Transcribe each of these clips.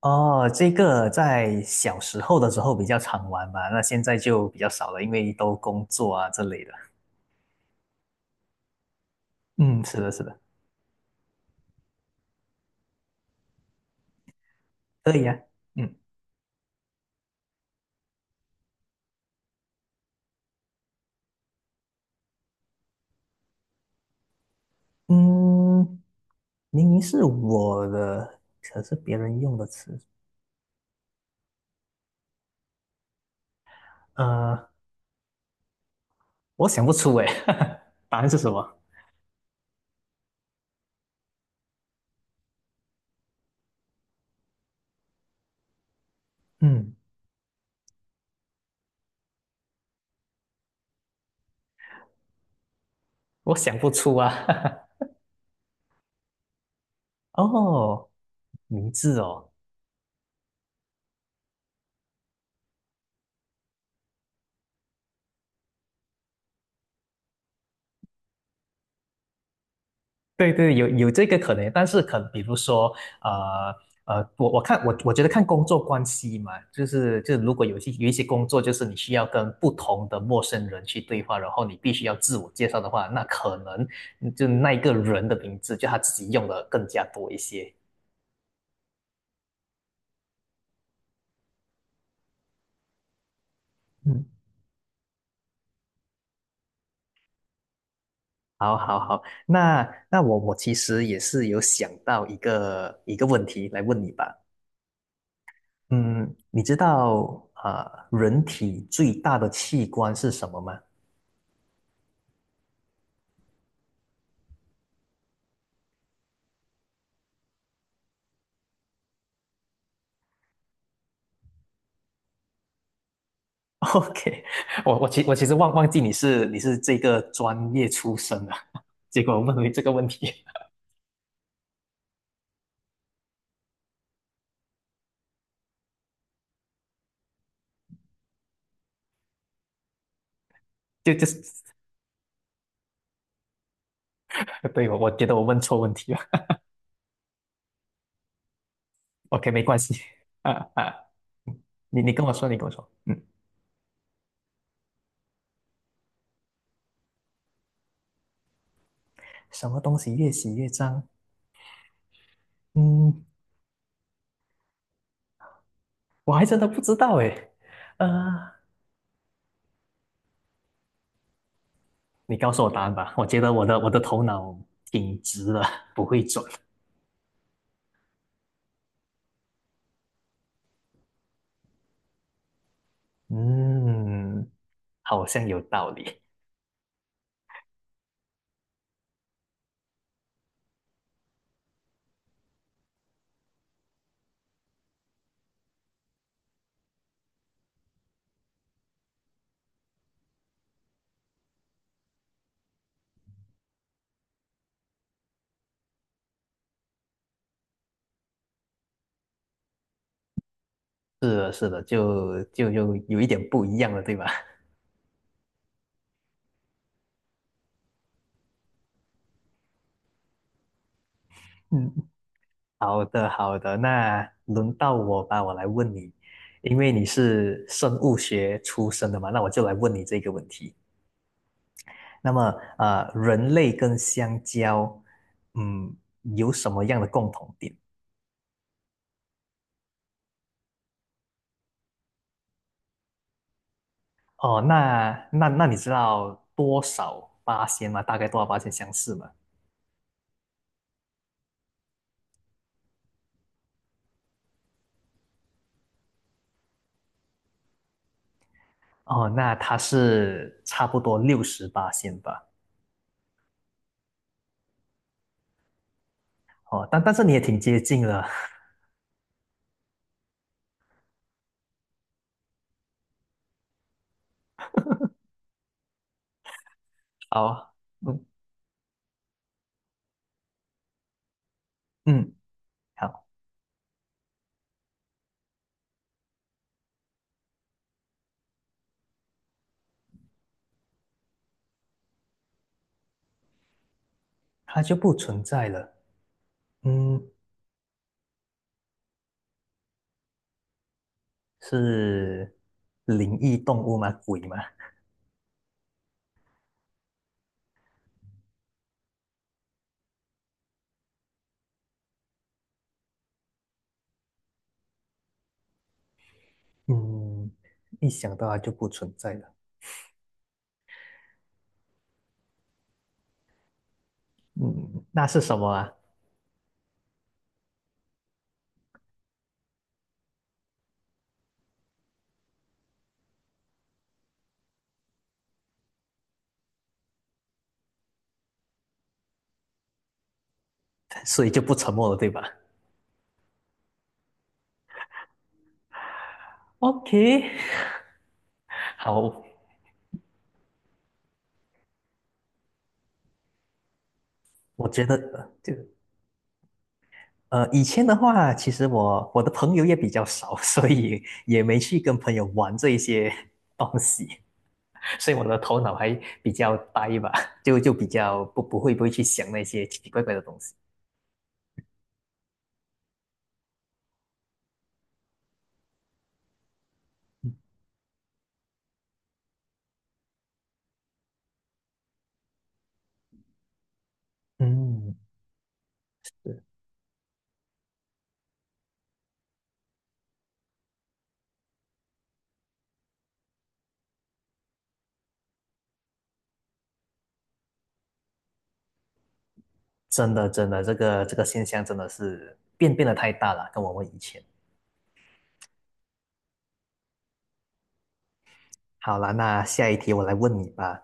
哦，这个在小时候的时候比较常玩吧，那现在就比较少了，因为都工作啊之类的。嗯，是的，是的，可以啊。嗯嗯，明明是我的，可是别人用的词，呃，我想不出诶，答案是什么？嗯，我想不出啊。哦，名字哦，对对，有这个可能，但是可比如说，呃我看我觉得看工作关系嘛，就是如果有一些工作，就是你需要跟不同的陌生人去对话，然后你必须要自我介绍的话，那可能就那一个人的名字，就他自己用的更加多一些。嗯，好，好，好，那我其实也是有想到一个问题来问你吧。嗯，你知道啊，人体最大的器官是什么吗？OK，我其实忘记你是这个专业出身的，结果我问回这个问题，就是 对我觉得我问错问题了。OK，没关系，啊啊，你跟我说，你跟我说，嗯，什么东西越洗越脏？嗯，我还真的不知道诶，啊，你告诉我答案吧，我觉得我的头脑挺直的，不会转。嗯，好像有道理。是的，是的，就有一点不一样了，对吧？嗯。好的，好的，那轮到我吧，我来问你，因为你是生物学出身的嘛，那我就来问你这个问题。那么，人类跟香蕉，嗯，有什么样的共同点？哦，那你知道多少八仙吗？大概多少八仙相似吗？哦，那它是差不多60%吧？哦，但是你也挺接近了。好，嗯嗯，好，它就不存在了。嗯，是灵异动物吗？鬼吗？嗯，一想到它就不存在了。嗯，那是什么啊？所以就不沉默了，对吧？OK，好，我觉得呃就呃，以前的话，其实我的朋友也比较少，所以也没去跟朋友玩这一些 东西，所以我的头脑还比较呆吧，就比较不会去想那些奇奇怪怪的东西。嗯，真的真的，这个现象真的是变得太大了，跟我们以前。好了，那下一题我来问你吧。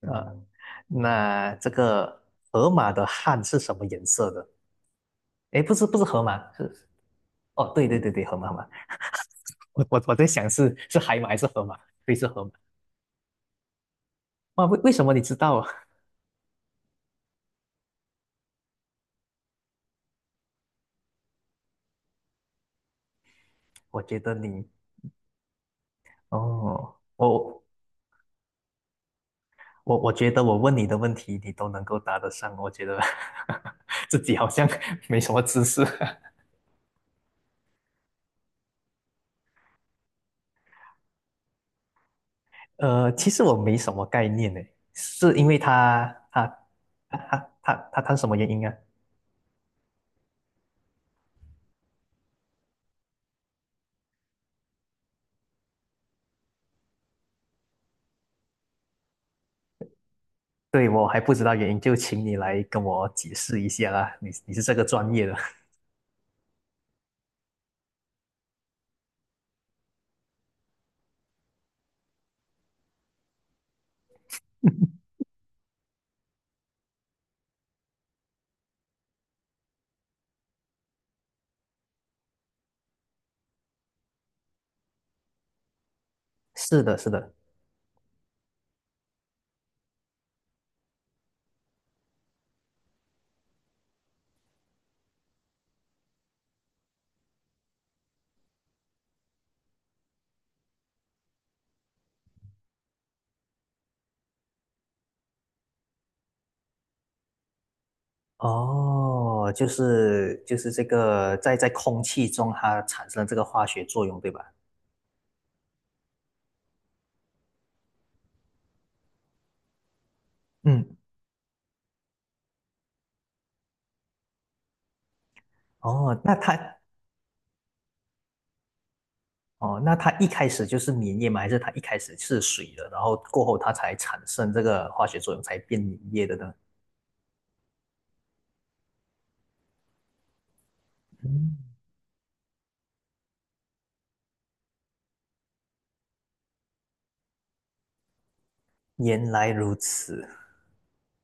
呃，嗯，那这个河马的汗是什么颜色的？诶，不是不是河马，是哦，对对对对，河马河马。我在想是海马还是河马？对，是河马。哇，为什么你知道啊 我觉得你哦，我我觉得我问你的问题你都能够答得上，我觉得 自己好像没什么知识。其实我没什么概念呢，是因为他什么原因啊？对，我还不知道原因，就请你来跟我解释一下啦。你是这个专业的，是的，是的。哦，就是这个在空气中它产生了这个化学作用，对吧？嗯，哦，那它一开始就是粘液吗？还是它一开始是水的，然后过后它才产生这个化学作用，才变粘液的呢？嗯。原来如此，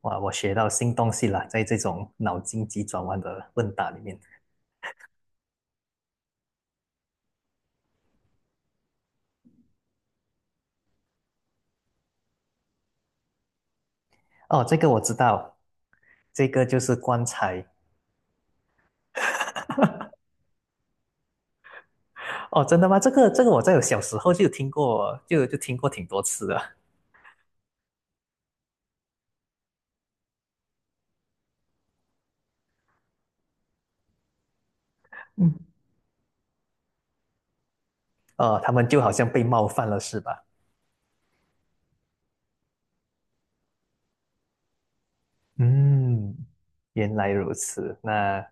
哇，我学到新东西了，在这种脑筋急转弯的问答里面。哦，这个我知道，这个就是棺材。哦，真的吗？这个我在我小时候就有听过，就听过挺多次的。嗯，哦，他们就好像被冒犯了，是吧？嗯，原来如此。那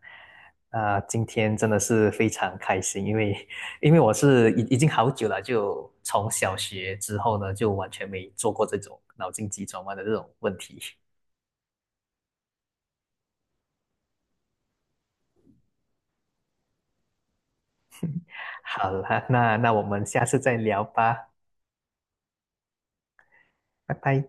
今天真的是非常开心，因为我是已经好久了，就从小学之后呢，就完全没做过这种脑筋急转弯的这种问题。好啦，那我们下次再聊吧，拜拜。